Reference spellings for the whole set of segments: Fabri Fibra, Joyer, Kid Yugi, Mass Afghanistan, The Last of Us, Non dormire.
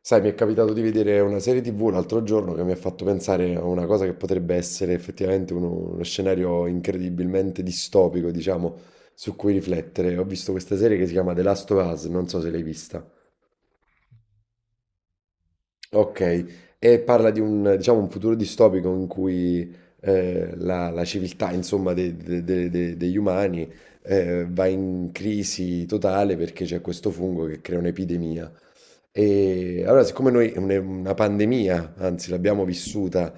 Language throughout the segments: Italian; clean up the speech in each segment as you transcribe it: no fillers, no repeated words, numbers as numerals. Sai, mi è capitato di vedere una serie TV l'altro giorno che mi ha fatto pensare a una cosa che potrebbe essere effettivamente uno scenario incredibilmente distopico, diciamo, su cui riflettere. Ho visto questa serie che si chiama The Last of Us, non so se l'hai vista. Ok, e parla di un, diciamo, un futuro distopico in cui la civiltà, insomma, degli umani va in crisi totale perché c'è questo fungo che crea un'epidemia. E allora, siccome noi è è una pandemia, anzi l'abbiamo vissuta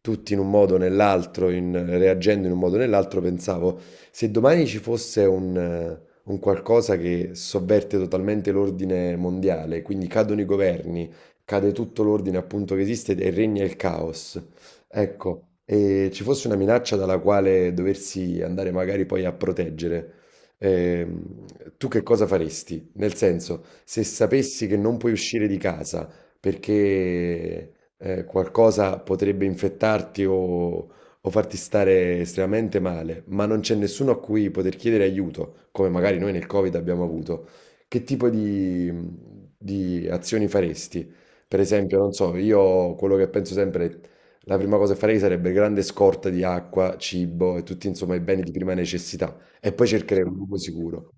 tutti in un modo o nell'altro, reagendo in un modo o nell'altro, pensavo, se domani ci fosse un qualcosa che sovverte totalmente l'ordine mondiale, quindi cadono i governi, cade tutto l'ordine appunto che esiste e regna il caos, ecco, e ci fosse una minaccia dalla quale doversi andare magari poi a proteggere. Ehm, Tu che cosa faresti? Nel senso, se sapessi che non puoi uscire di casa perché qualcosa potrebbe infettarti o farti stare estremamente male, ma non c'è nessuno a cui poter chiedere aiuto, come magari noi nel Covid abbiamo avuto, che tipo di azioni faresti? Per esempio, non so, io quello che penso sempre, la prima cosa che farei sarebbe grande scorta di acqua, cibo e tutti insomma i beni di prima necessità. E poi cercherei un luogo sicuro.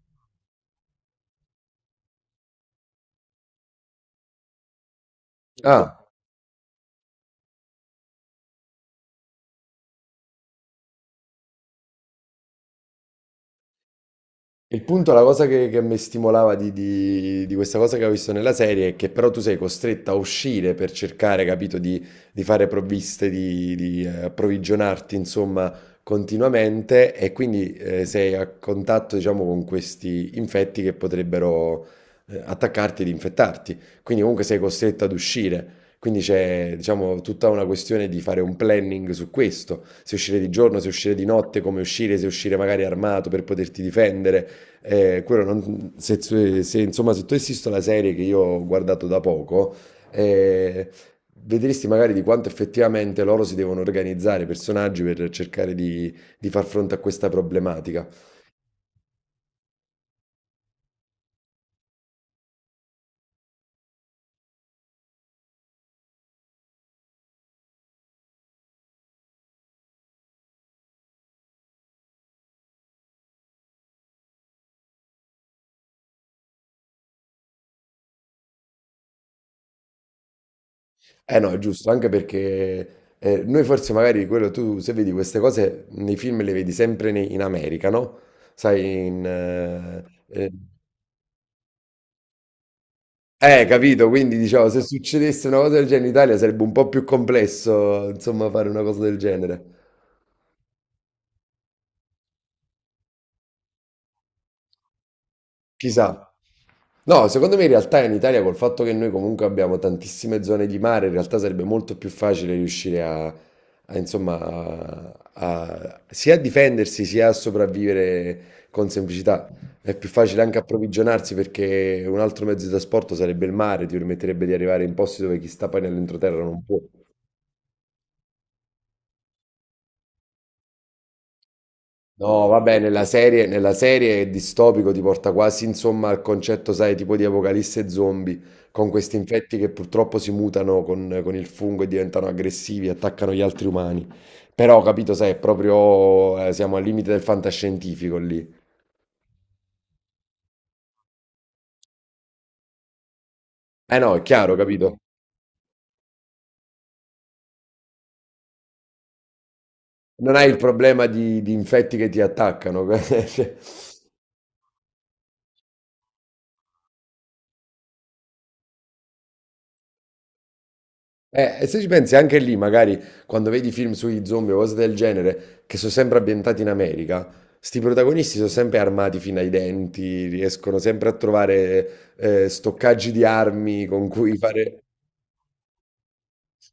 Quindi, ah. Il punto, la cosa che mi stimolava di, di questa cosa che ho visto nella serie è che però tu sei costretta a uscire per cercare, capito, di fare provviste, di, approvvigionarti, insomma, continuamente e quindi sei a contatto, diciamo, con questi infetti che potrebbero attaccarti ed infettarti. Quindi comunque sei costretta ad uscire. Quindi c'è, diciamo, tutta una questione di fare un planning su questo, se uscire di giorno, se uscire di notte, come uscire, se uscire magari armato per poterti difendere. Quello se, se, insomma, se tu assisti alla serie che io ho guardato da poco, eh, vedresti magari di quanto effettivamente loro si devono organizzare i personaggi per cercare di far fronte a questa problematica. Eh no, è giusto, anche perché noi forse magari quello tu, se vedi queste cose nei film le vedi sempre in America, no? Sai, in... capito, quindi diciamo, se succedesse una cosa del genere in Italia sarebbe un po' più complesso, insomma, fare una cosa del genere. Chissà. No, secondo me in realtà in Italia col fatto che noi comunque abbiamo tantissime zone di mare, in realtà sarebbe molto più facile riuscire a, a, insomma, sia a difendersi sia a sopravvivere con semplicità. È più facile anche approvvigionarsi perché un altro mezzo di trasporto sarebbe il mare, ti permetterebbe di arrivare in posti dove chi sta poi nell'entroterra non può. No, vabbè, nella serie è distopico ti porta quasi insomma al concetto, sai, tipo di apocalisse zombie, con questi infetti che purtroppo si mutano con il fungo e diventano aggressivi, attaccano gli altri umani. Però, capito, sai, è proprio, siamo al limite del fantascientifico lì. Eh no, è chiaro, capito? Non hai il problema di infetti che ti attaccano. Cioè, eh, e se ci pensi anche lì, magari quando vedi film sui zombie o cose del genere, che sono sempre ambientati in America, sti protagonisti sono sempre armati fino ai denti, riescono sempre a trovare stoccaggi di armi con cui fare...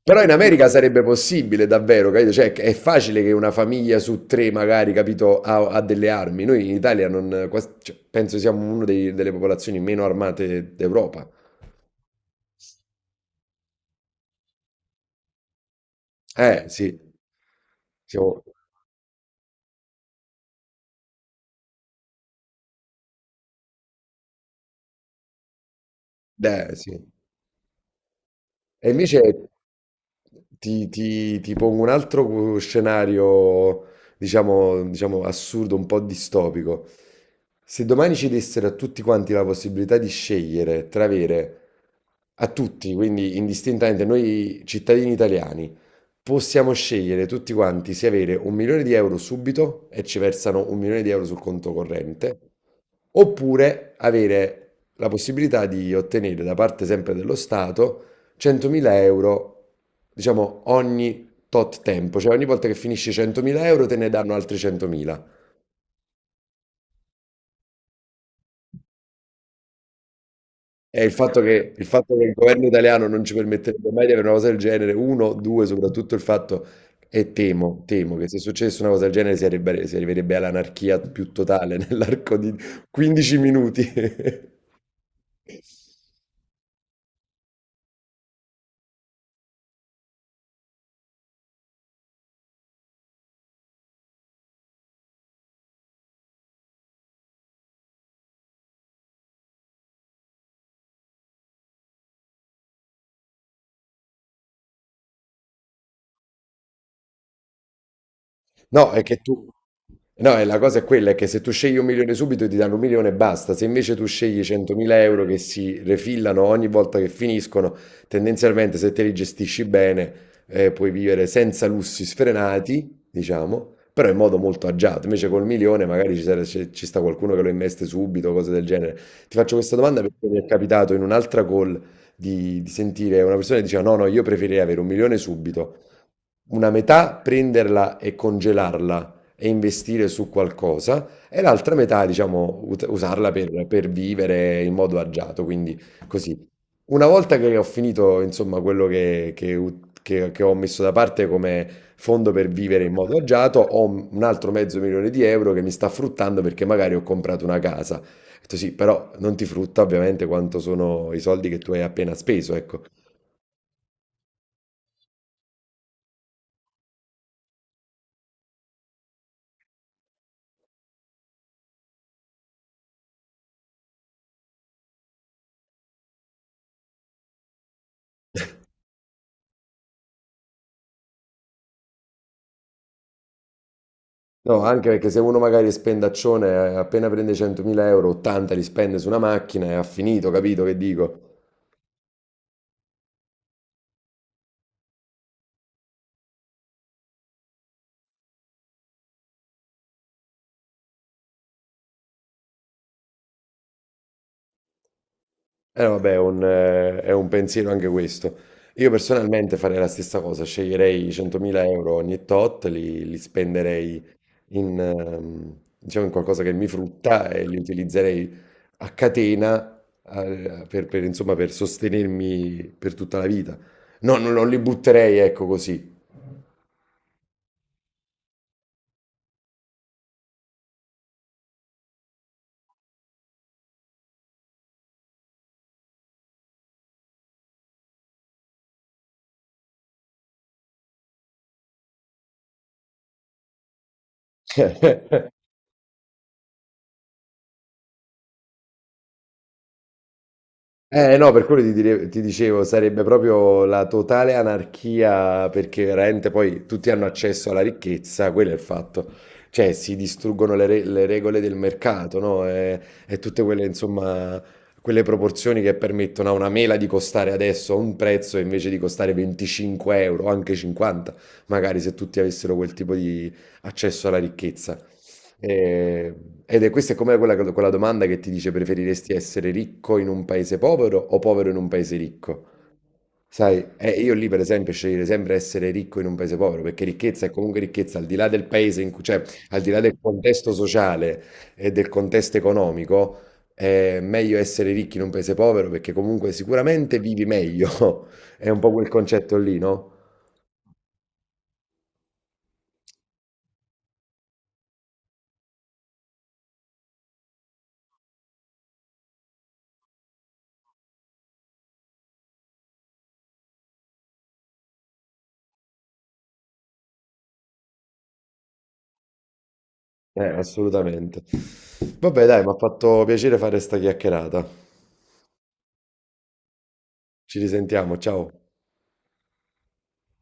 Però in America sarebbe possibile davvero, capito? Cioè, è facile che una famiglia su tre, magari, capito, ha, ha delle armi. Noi in Italia non, cioè, penso siamo una delle popolazioni meno armate d'Europa. Sì, siamo... sì. E invece ti, ti pongo un altro scenario, diciamo, diciamo assurdo, un po' distopico. Se domani ci dessero a tutti quanti la possibilità di scegliere tra avere a tutti, quindi indistintamente noi cittadini italiani, possiamo scegliere tutti quanti se avere 1 milione di euro subito e ci versano 1 milione di euro sul conto corrente, oppure avere la possibilità di ottenere da parte sempre dello Stato 100.000 euro, diciamo, ogni tot tempo, cioè ogni volta che finisci 100.000 euro te ne danno altri 100.000. E il fatto che il governo italiano non ci permetterebbe mai di avere una cosa del genere, uno, due, soprattutto il fatto, e temo, temo che se successe una cosa del genere si arriverebbe all'anarchia più totale nell'arco di 15 minuti. No, è che tu... No, è la cosa è quella, è che se tu scegli 1 milione subito ti danno 1 milione e basta. Se invece tu scegli 100.000 euro che si refillano ogni volta che finiscono, tendenzialmente se te li gestisci bene puoi vivere senza lussi sfrenati, diciamo, però in modo molto agiato. Invece col milione magari ci, ci sta qualcuno che lo investe subito, cose del genere. Ti faccio questa domanda perché mi è capitato in un'altra call di sentire una persona che diceva no, io preferirei avere un milione subito una metà prenderla e congelarla e investire su qualcosa, e l'altra metà, diciamo, usarla per vivere in modo agiato. Quindi così. Una volta che ho finito, insomma, quello che, che ho messo da parte come fondo per vivere in modo agiato, ho un altro mezzo milione di euro che mi sta fruttando perché magari ho comprato una casa. Ho detto sì, però non ti frutta ovviamente quanto sono i soldi che tu hai appena speso, ecco. No, anche perché se uno magari è spendaccione, appena prende 100.000 euro, 80 li spende su una macchina e ha finito, capito che dico? Eh vabbè, è un pensiero anche questo. Io personalmente farei la stessa cosa, sceglierei i 100.000 euro ogni tot, li, li spenderei in, diciamo, in qualcosa che mi frutta e li utilizzerei a catena, per, insomma, per sostenermi per tutta la vita. No, non li butterei, ecco così. Eh no, per quello ti, ti dicevo, sarebbe proprio la totale anarchia perché veramente poi tutti hanno accesso alla ricchezza, quello è il fatto. Cioè si distruggono le, le regole del mercato, no? E tutte quelle, insomma, quelle proporzioni che permettono a una mela di costare adesso un prezzo invece di costare 25 euro, anche 50, magari se tutti avessero quel tipo di accesso alla ricchezza. Ed è questa è come quella, quella domanda che ti dice preferiresti essere ricco in un paese povero o povero in un paese ricco? Sai, io lì per esempio sceglierei sempre essere ricco in un paese povero, perché ricchezza è comunque ricchezza, al di là del paese in cui, cioè, al di là del contesto sociale e del contesto economico, è meglio essere ricchi in un paese povero perché comunque sicuramente vivi meglio. È un po' quel concetto lì, no? Assolutamente. Vabbè, dai, mi ha fatto piacere fare sta chiacchierata. Ci risentiamo, ciao.